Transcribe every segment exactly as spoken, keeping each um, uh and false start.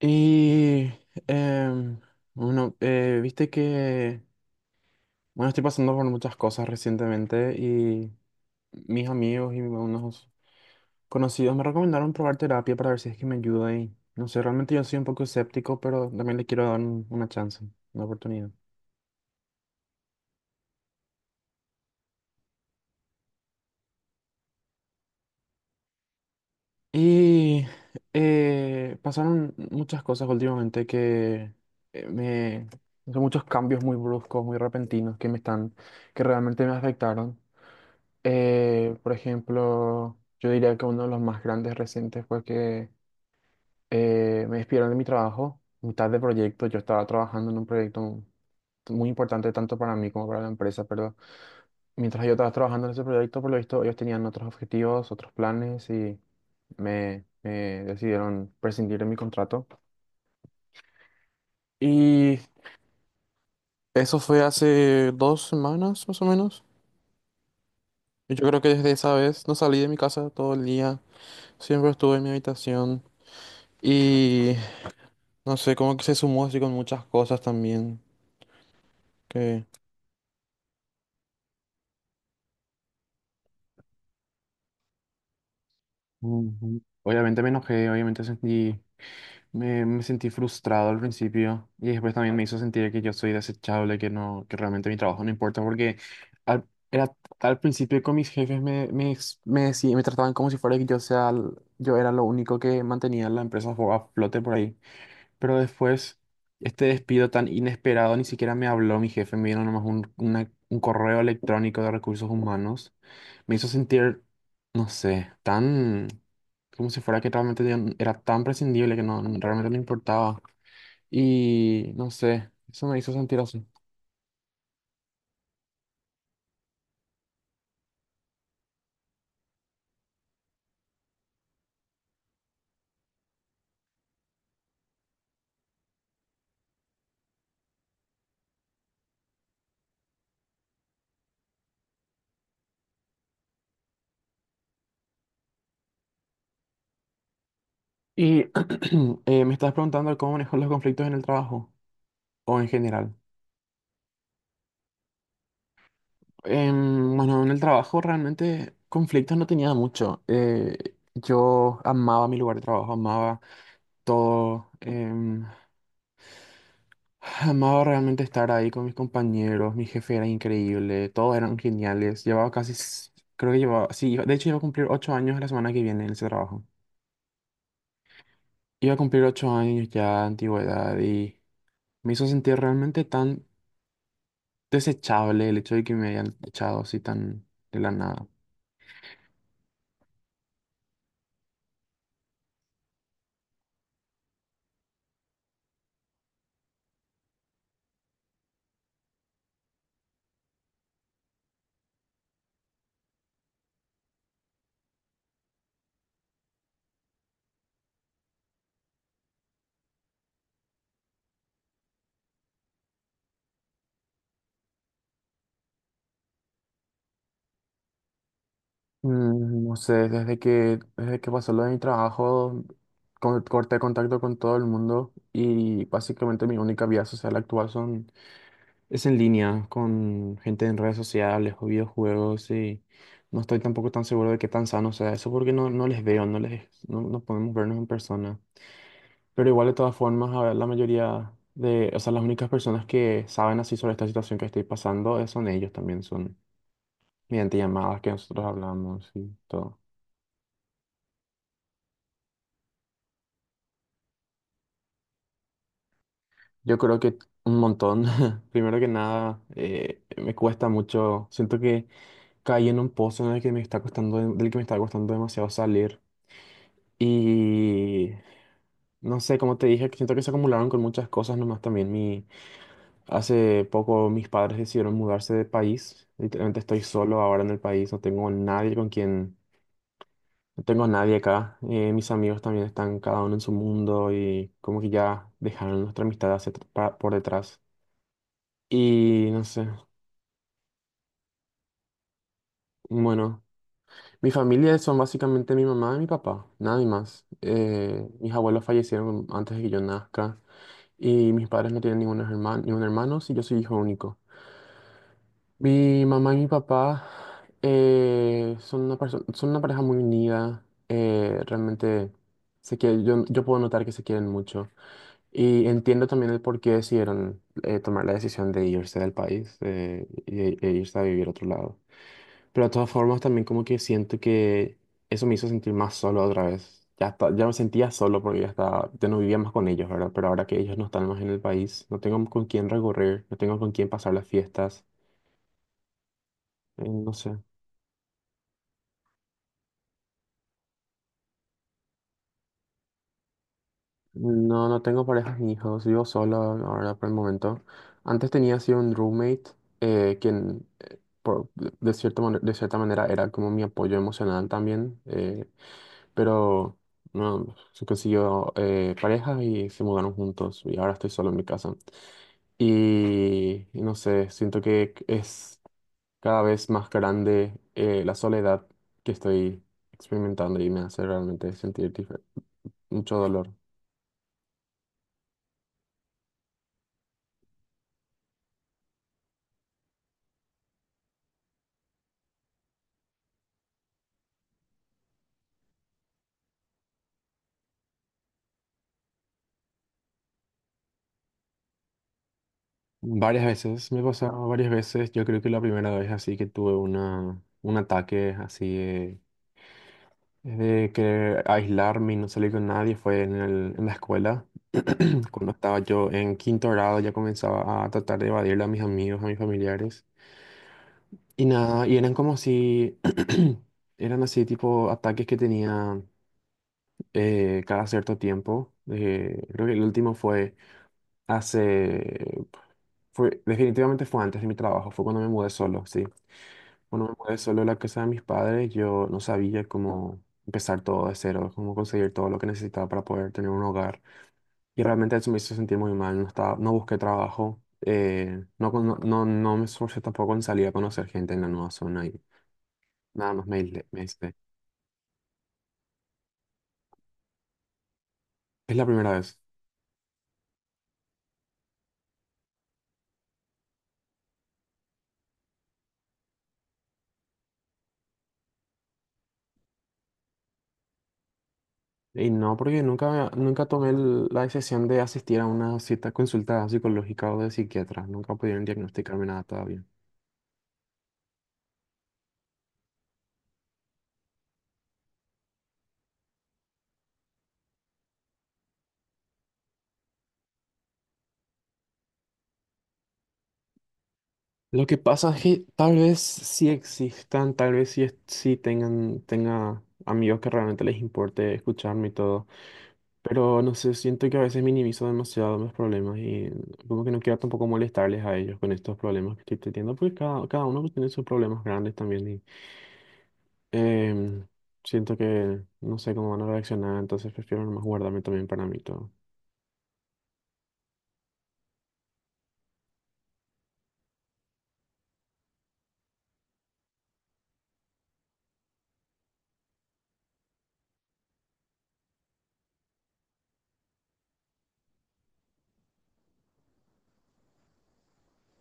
Y, em, bueno, eh, viste que, bueno, estoy pasando por muchas cosas recientemente y mis amigos y unos conocidos me recomendaron probar terapia para ver si es que me ayuda y, no sé, realmente yo soy un poco escéptico, pero también le quiero dar un- una chance, una oportunidad. Y eh, pasaron muchas cosas últimamente que eh, me... Son muchos cambios muy bruscos, muy repentinos que me están, que realmente me afectaron. Eh, por ejemplo, yo diría que uno de los más grandes recientes fue que eh, me despidieron de mi trabajo, mitad de proyecto. Yo estaba trabajando en un proyecto muy importante tanto para mí como para la empresa, pero mientras yo estaba trabajando en ese proyecto, por lo visto, ellos tenían otros objetivos, otros planes y me, me decidieron prescindir de mi contrato. Y eso fue hace dos semanas más o menos. Y yo creo que desde esa vez no salí de mi casa todo el día, siempre estuve en mi habitación. Y no sé, como que se sumó así con muchas cosas también. Que Ujú. Obviamente me enojé, obviamente sentí, me, me sentí frustrado al principio y después también me hizo sentir que yo soy desechable, que no, que realmente mi trabajo no importa porque al, era, al principio con mis jefes me, me, ex- me, decí- me trataban como si fuera que yo sea, l- yo era lo único que mantenía la empresa a flote por ahí. Pero después, este despido tan inesperado, ni siquiera me habló mi jefe, me vino nomás un, una- un correo electrónico de recursos humanos. Me hizo sentir, no sé, tan como si fuera que realmente yo n- era tan prescindible que no, no- realmente no importaba. Y no sé, eso me hizo sentir así. Y eh, me estás preguntando cómo manejo los conflictos en el trabajo o en general. Em, bueno, en el trabajo realmente conflictos no tenía mucho. Eh, yo amaba mi lugar de trabajo, amaba todo. Em, amaba realmente estar ahí con mis compañeros, mi jefe era increíble, todos eran geniales. Llevaba casi, s- creo que llevaba, sí, iba- de hecho iba a cumplir ocho años la semana que viene en ese trabajo. Iba a cumplir ocho años ya de antigüedad y me hizo sentir realmente tan desechable el hecho de que me hayan echado así tan de la nada. Mm, No sé, desde que, desde que pasó lo de mi trabajo, co- corté contacto con todo el mundo y básicamente mi única vida social actual son, es en línea, con gente en redes sociales o videojuegos y no estoy tampoco tan seguro de qué tan sano sea eso porque no, no les veo, no les, no, no podemos vernos en persona. Pero igual de todas formas, a ver, la mayoría de, o sea, las únicas personas que saben así sobre esta situación que estoy pasando eh, son ellos también, son mediante llamadas que nosotros hablamos y todo. Yo creo que un montón. Primero que nada, eh, me cuesta mucho. Siento que caí en un pozo en el que me está costando, del que me está costando demasiado salir. Y no sé, como te dije, que siento que se acumularon con muchas cosas nomás también. Mi, hace poco mis padres decidieron mudarse de país. Literalmente estoy solo ahora en el país. No tengo nadie con quien, no tengo nadie acá. Eh, mis amigos también están cada uno en su mundo y como que ya dejaron nuestra amistad hacia, atr- pa- por detrás. Y no sé. Bueno, mi familia son básicamente mi mamá y mi papá, nadie más. Eh, mis abuelos fallecieron antes de que yo nazca y mis padres no tienen ningún hermano, ningún hermano, sí, yo soy hijo único. Mi mamá y mi papá eh, son una perso- son una pareja muy unida, eh, realmente se quiere- yo, yo puedo notar que se quieren mucho y entiendo también el por qué decidieron eh, tomar la decisión de irse del país eh, y- e irse a vivir a otro lado. Pero de todas formas también como que siento que eso me hizo sentir más solo otra vez. Ya, está- ya me sentía solo porque ya, estaba, ya no vivía más con ellos, ¿verdad? Pero ahora que ellos no están más en el país, no tengo con quién recorrer, no tengo con quién pasar las fiestas, eh, no sé. No, no tengo parejas ni hijos, vivo solo ahora por el momento. Antes tenía así un roommate, eh, quien eh, por, de, cierta, mane- de cierta manera era como mi apoyo emocional también. Eh, pero no, se consiguió eh, pareja y se mudaron juntos y ahora estoy solo en mi casa. Y, y no sé, siento que es cada vez más grande eh, la soledad que estoy experimentando y me hace realmente sentir dife- mucho dolor. Varias veces, me ha pasado varias veces, yo creo que la primera vez así que tuve una, un ataque así de querer aislarme y no salir con nadie fue en el- en la escuela. Cuando estaba yo en quinto grado ya comenzaba a tratar de evadirle a mis amigos, a mis familiares. Y nada, y eran como si, eran así tipo ataques que tenía eh, cada cierto tiempo. Eh, creo que el último fue hace, fue, definitivamente fue antes de mi trabajo, fue cuando me mudé solo, sí. Bueno, me mudé solo a la casa de mis padres. Yo no sabía cómo empezar todo de cero, cómo conseguir todo lo que necesitaba para poder tener un hogar. Y realmente eso me hizo sentir muy mal. No estaba, no busqué trabajo. eh, no, con- no, no, no me esforcé tampoco en salir a conocer gente en la nueva zona y nada más me aislé. Me aislé. Es la primera vez. Y no, porque nunca, nunca, tomé el- la decisión de asistir a una cita consulta psicológica o de psiquiatra. Nunca pudieron diagnosticarme nada todavía. Lo que pasa es que tal vez sí existan, tal vez sí, es- sí tengan, tenga amigos que realmente les importe escucharme y todo, pero no sé, siento que a veces minimizo demasiado mis problemas y como que no quiero tampoco molestarles a ellos con estos problemas que estoy teniendo, porque cada, cada uno tiene sus problemas grandes también y em, siento que no sé cómo van a reaccionar, entonces prefiero nomás guardarme también para mí todo.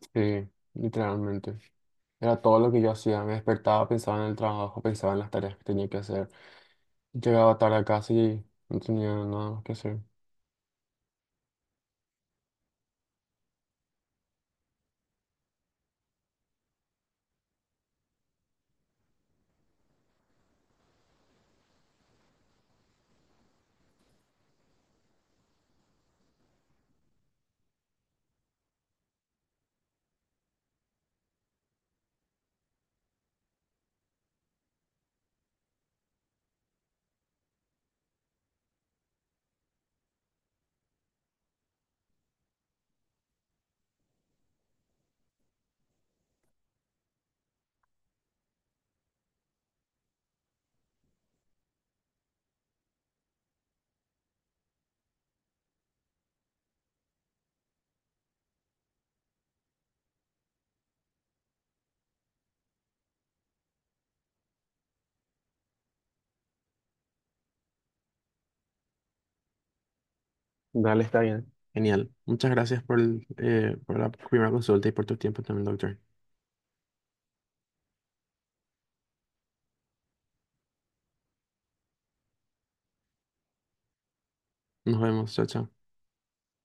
Sí, literalmente. Era todo lo que yo hacía. Me despertaba, pensaba en el trabajo, pensaba en las tareas que tenía que hacer. Llegaba tarde a casa y no tenía nada más que hacer. Dale, está bien. Genial. Muchas gracias por, el, eh, por la primera consulta y por tu tiempo también, doctor. Nos vemos. Chao, chao.